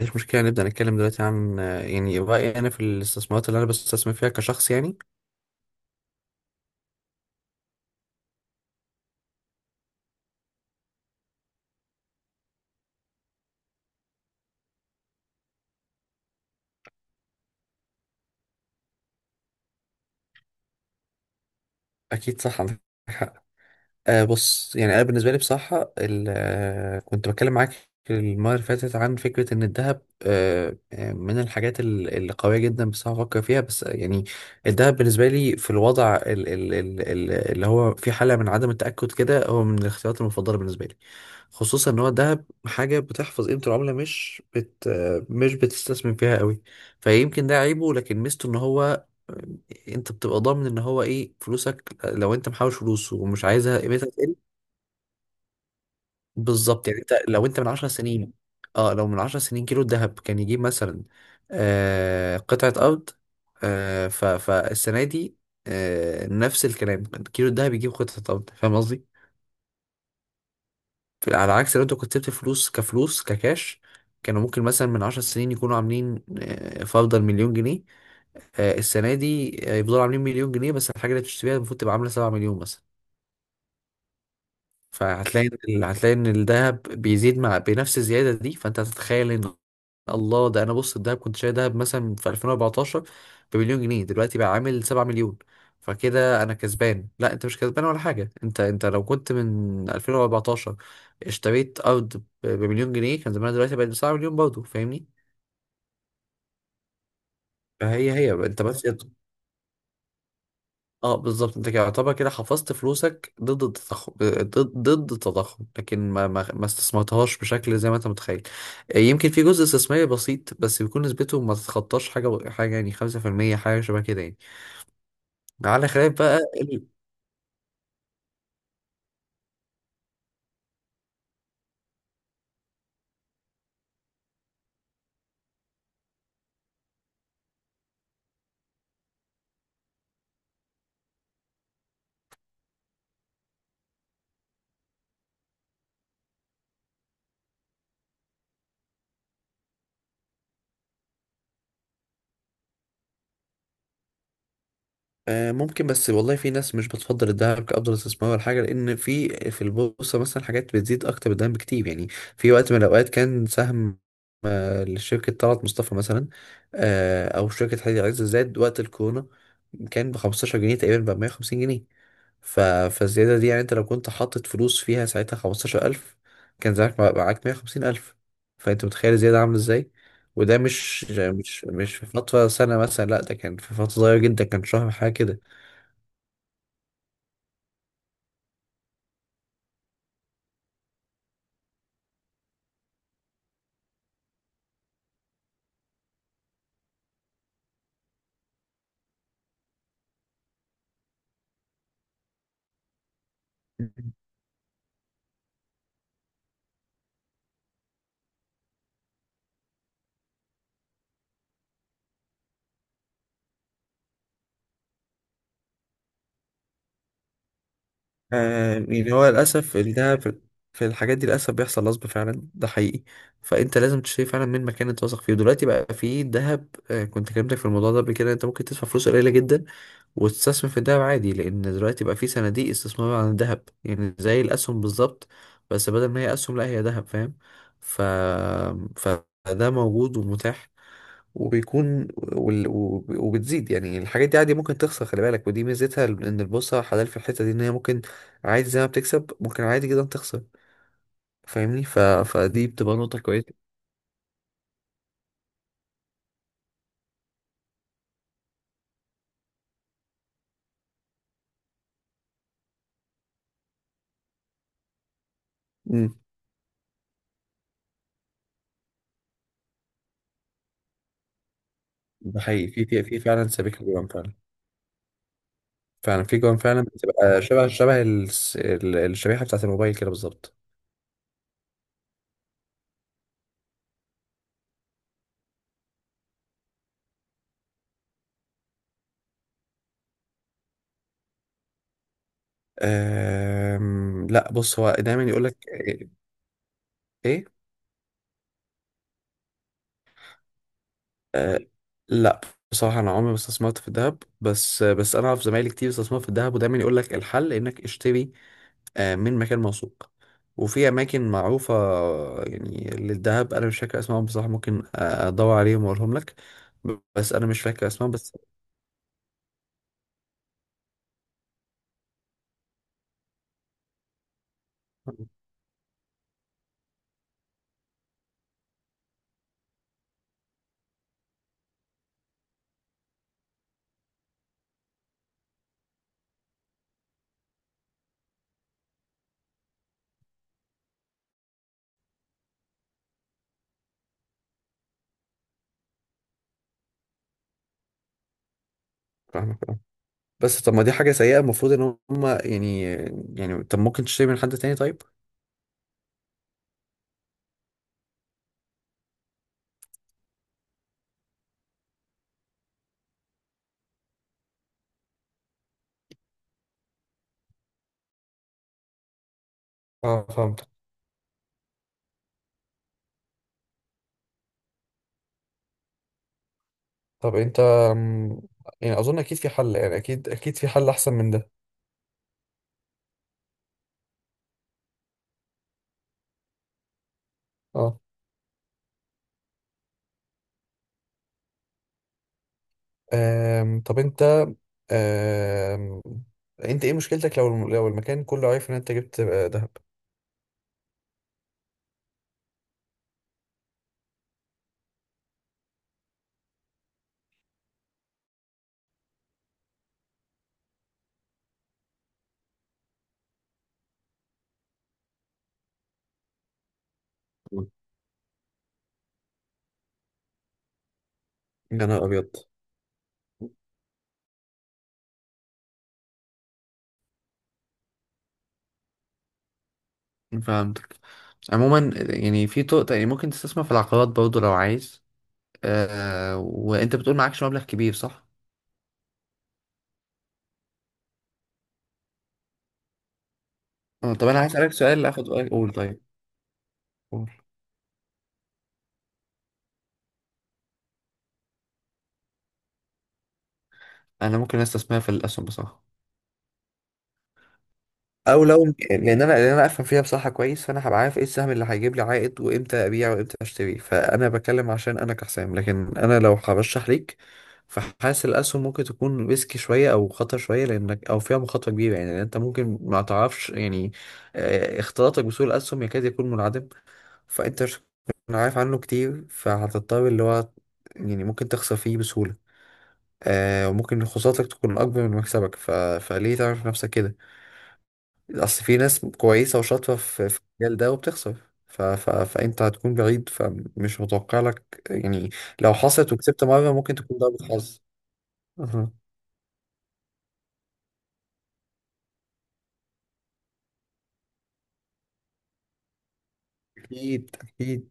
مفيش مشكلة نبدأ نتكلم دلوقتي عن يعني رأيي أنا في الاستثمارات اللي أنا بستثمر فيها كشخص يعني. أكيد صح، عندك حق. بص، يعني انا بالنسبه لي بصراحه كنت بتكلم معاك المره اللي فاتت عن فكره ان الذهب من الحاجات اللي قويه جدا بصراحه بفكر فيها، بس يعني الذهب بالنسبه لي في الوضع ال اللي هو في حاله من عدم التاكد كده، هو من الاختيارات المفضله بالنسبه لي، خصوصا ان هو الذهب حاجه بتحفظ قيمه العمله، مش بت آه، مش بتستثمر فيها قوي. فيمكن ده عيبه، لكن ميزته ان هو انت بتبقى ضامن ان هو ايه فلوسك، لو انت محوش فلوس ومش عايزها قيمتها تقل. بالظبط يعني انت لو من 10 سنين. اه لو من 10 سنين كيلو الذهب كان يجيب مثلا قطعة أرض، آه ف فالسنة دي نفس الكلام، كيلو الذهب يجيب قطعة أرض. فاهم قصدي؟ على عكس لو انت كنت سبت الفلوس كفلوس ككاش، كانوا ممكن مثلا من 10 سنين يكونوا عاملين فرضا مليون جنيه. السنة دي يفضلوا عاملين مليون جنيه، بس الحاجة اللي بتشتريها المفروض تبقى عاملة 7 مليون مثلا. فهتلاقي هتلاقي ان الذهب بيزيد مع بنفس الزياده دي، فانت هتتخيل ان الله، ده انا بص الذهب كنت شايل ذهب مثلا في 2014 بمليون جنيه دلوقتي بقى عامل 7 مليون، فكده انا كسبان. لا، انت مش كسبان ولا حاجه، انت لو كنت من 2014 اشتريت ارض بمليون جنيه كان زمانها دلوقتي بقت ب 7 مليون برضه، فاهمني؟ فهي هي، انت بس. اه بالظبط، انت كده يعتبر كده حفظت فلوسك ضد التضخم، ضد التضخم، لكن ما استثمرتهاش بشكل زي ما انت متخيل. يمكن في جزء استثماري بسيط، بس بيكون نسبته ما تتخطاش حاجه يعني 5%، حاجه شبه كده يعني، على خلاف بقى ممكن، بس والله في ناس مش بتفضل الذهب كأفضل استثمار ولا حاجه، لان في البورصه مثلا حاجات بتزيد اكتر من الذهب بكتير يعني. في وقت من الاوقات كان سهم لشركة طلعت مصطفى مثلا، أو شركة حديد عز زاد وقت الكورونا كان ب 15 جنيه تقريبا بقى 150 جنيه. ف... فالزيادة دي يعني، أنت لو كنت حاطط فلوس فيها ساعتها 15000، كان زمانك معاك 150000. فأنت متخيل الزيادة عاملة إزاي؟ وده مش في فترة سنة مثلا، لا ده كان في فترة صغيرة جدا، كان شهر حاجة كده. يعني هو للأسف إن ده في، في الحاجات دي للأسف بيحصل نصب فعلا، ده حقيقي. فأنت لازم تشتري فعلا من مكان أنت واثق فيه. دلوقتي بقى في دهب، كنت كلمتك في الموضوع ده قبل كده، أنت ممكن تدفع فلوس قليلة جدا واستثمر في الذهب عادي، لان دلوقتي بقى في صناديق استثمار عن الذهب يعني زي الاسهم بالظبط، بس بدل ما هي اسهم لا هي ذهب، فاهم؟ ف فده موجود ومتاح، وبتزيد يعني. الحاجات دي عادي ممكن تخسر، خلي بالك، ودي ميزتها ان البورصه حلال في الحته دي، ان هي ممكن عادي زي ما بتكسب، ممكن عادي جدا تخسر. فاهمني؟ فدي بتبقى نقطه كويسه. امم ده حقيقي، في فعلا سبيكة جدا فعلا، فعلا في جوان فعلا، بتبقى شبه الشريحة بتاعت الموبايل كده بالظبط. لا بص، هو دايما يقول لك ايه. أه... لا بصراحة أنا عمري ما استثمرت في الذهب، بس أنا أعرف زمايلي كتير استثمروا في الذهب، ودايما يقول لك الحل إنك اشتري من مكان موثوق وفي أماكن معروفة. يعني للذهب أنا مش فاكر أسمائهم بصراحة، ممكن أدور عليهم وأقولهم لك، بس أنا مش فاكر أسمائهم بس. فاهمك، بس طب ما دي حاجة سيئة، المفروض ان هم يعني، يعني طب ممكن تشتري من حد تاني طيب. اه فهمت. طب انت يعني اظن اكيد في حل، يعني اكيد اكيد في حل احسن من ده. اه طب انت أم، انت ايه مشكلتك لو لو المكان كله عارف ان انت جبت دهب؟ يا نهار ابيض! فهمتك. عموما يعني في طرق، يعني ممكن تستثمر في العقارات برضو لو عايز. وانت بتقول معكش مبلغ كبير، صح؟ طب انا عايز اسألك سؤال، اخد رأيك، قول طيب. انا ممكن استثمرها في الاسهم بصراحه، او لو لان انا افهم فيها بصراحه كويس، فانا هبقى عارف ايه السهم اللي هيجيب لي عائد، وامتى ابيع وامتى اشتري. فانا بتكلم عشان انا كحسام، لكن انا لو هرشح ليك، فحاسس الاسهم ممكن تكون ريسكي شويه او خطر شويه، لانك او فيها مخاطره كبيره يعني، لأن انت ممكن ما تعرفش يعني. اختلاطك بسوق الاسهم يكاد يكون منعدم، فانت مش هتكون عارف عنه كتير، فهتضطر اللي هو يعني ممكن تخسر فيه بسهوله. وممكن خسارتك تكون اكبر من مكسبك. فليه تعرف نفسك كده؟ اصل في ناس كويسه وشاطره في المجال ده وبتخسر. فانت هتكون بعيد، فمش متوقع لك يعني. لو حصلت وكسبت مره ممكن تكون ضربة حظ. أها. اكيد اكيد.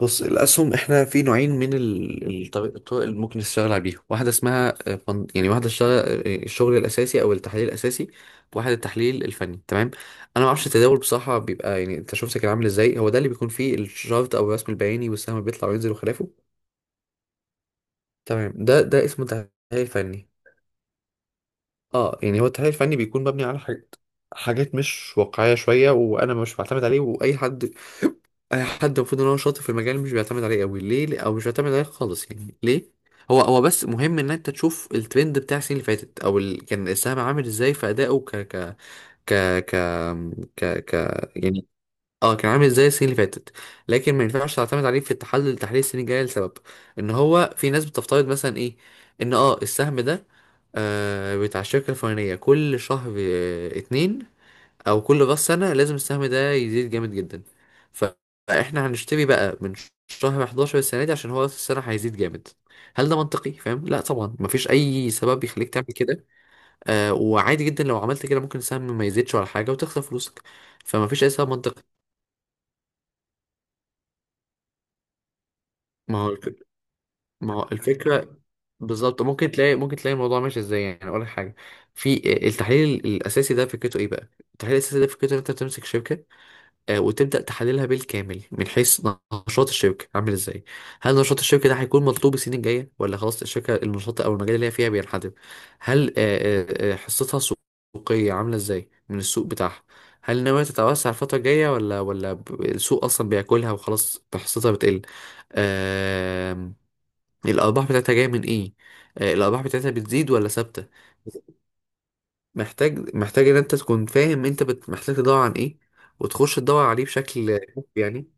بص الاسهم، احنا في نوعين من الطرق اللي ممكن تشتغل عليها، واحده اسمها يعني واحده اشتغل آه، الشغل الاساسي او التحليل الاساسي، واحد التحليل الفني تمام. انا ما اعرفش التداول بصراحه، بيبقى يعني انت شفت كان عامل ازاي، هو ده اللي بيكون فيه الشارت او الرسم البياني والسهم بيطلع وينزل وخلافه. تمام ده اسمه تحليل فني. اه يعني هو التحليل الفني بيكون مبني على حاجات، حاجات مش واقعية شوية، وأنا مش بعتمد عليه. وأي حد أي حد المفروض إن هو شاطر في المجال مش بيعتمد عليه أوي ليه، أو مش بيعتمد عليه خالص يعني ليه. هو هو بس مهم إن أنت تشوف الترند بتاع السنين اللي فاتت أو كان السهم عامل إزاي في أدائه ك ك ك ك ك ك يعني. اه كان عامل زي السنين اللي فاتت، لكن ما ينفعش تعتمد عليه في تحليل السنين الجايه، لسبب ان هو في ناس بتفترض مثلا ايه ان السهم ده بتاع الشركه الفلانيه كل شهر اتنين، او كل راس سنه لازم السهم ده يزيد جامد جدا. ف- فاحنا هنشتري بقى من شهر 11 السنه دي عشان هو راس السنه هيزيد جامد. هل ده منطقي فاهم؟ لا طبعا، مفيش اي سبب يخليك تعمل كده. وعادي جدا لو عملت كده ممكن السهم ما يزيدش ولا حاجه وتخسر فلوسك، فمفيش اي سبب منطقي. ما هو ما هو الفكرة بالظبط، ممكن تلاقي الموضوع ماشي ازاي. يعني اقول لك حاجة، في التحليل الاساسي ده فكرته ايه بقى؟ التحليل الاساسي ده فكرته ان انت بتمسك شركة وتبدأ تحللها بالكامل، من حيث نشاط الشركة عامل ازاي؟ هل نشاط الشركة ده هيكون مطلوب السنين الجاية ولا خلاص الشركة، النشاط او المجال اللي هي فيها بينحدر؟ هل حصتها السوقية عاملة ازاي من السوق بتاعها؟ هل ناوية تتوسع الفترة الجاية ولا السوق أصلا بياكلها وخلاص حصتها بتقل؟ آم، الارباح بتاعتها جايه من ايه، الارباح بتاعتها بتزيد ولا ثابته؟ محتاج ان انت تكون فاهم، انت محتاج تدور عن ايه وتخش تدور عليه بشكل يعني.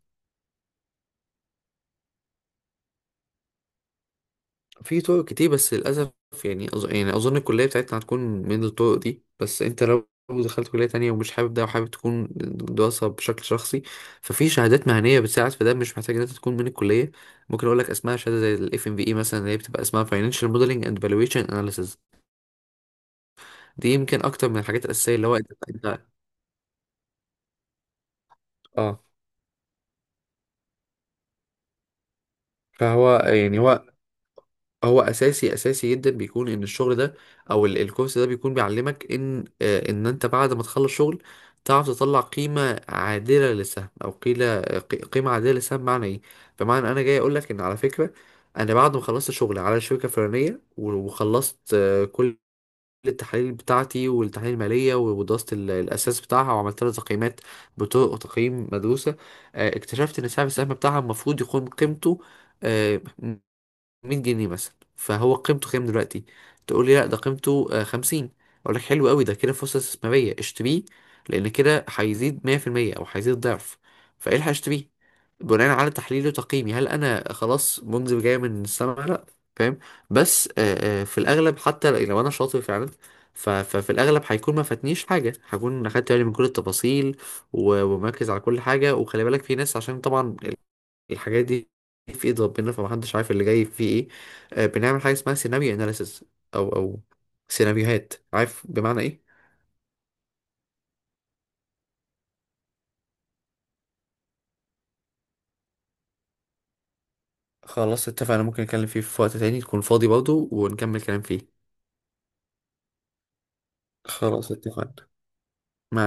في طرق كتير بس للاسف، يعني يعني اظن الكليه بتاعتنا هتكون من الطرق دي، بس انت لو دخلت كليه تانية ومش حابب ده وحابب تكون دراسه بشكل شخصي، ففي شهادات مهنيه بتساعد في ده، مش محتاج ان انت تكون من الكليه. ممكن اقول لك اسمها شهاده زي الاف ام في اي مثلا، اللي هي بتبقى اسمها فاينانشال موديلنج اند فالويشن اناليسيز. دي يمكن اكتر من الحاجات الاساسيه اللي هو انت اه. فهو يعني هو هو اساسي اساسي جدا، بيكون ان الشغل ده او الكورس ده بيكون بيعلمك ان انت بعد ما تخلص شغل تعرف تطلع قيمه عادله للسهم، او قيمه عادله للسهم معنى ايه. بمعنى انا جاي اقول لك ان على فكره، انا بعد ما خلصت شغل على شركه فلانيه وخلصت كل التحاليل بتاعتي والتحاليل المالية ودراسة الأساس بتاعها وعملت لها تقييمات بطرق تقييم مدروسة، اكتشفت إن سعر السهم بتاعها المفروض يكون قيمته آه، 100 جنيه مثلا، فهو قيمته كام دلوقتي؟ تقول لي لا ده قيمته 50، اقول لك حلو قوي ده كده فرصه استثماريه، اشتريه، لان كده هيزيد 100% او هيزيد ضعف. فايه اللي هشتريه بناء على تحليلي وتقييمي؟ هل انا خلاص منذ جاي من السما؟ لا، فاهم. بس في الاغلب حتى لو انا شاطر فعلا، ففي الاغلب هيكون ما فاتنيش حاجه، هكون اخدت بالي من كل التفاصيل ومركز على كل حاجه. وخلي بالك في ناس، عشان طبعا الحاجات دي في ايد ربنا، فمحدش عارف اللي جاي فيه ايه. بنعمل حاجه اسمها سيناريو اناليسيس او سيناريوهات، عارف بمعنى ايه. خلاص اتفقنا، ممكن نتكلم فيه في وقت تاني تكون فاضي برضه ونكمل كلام فيه. خلاص اتفقنا. مع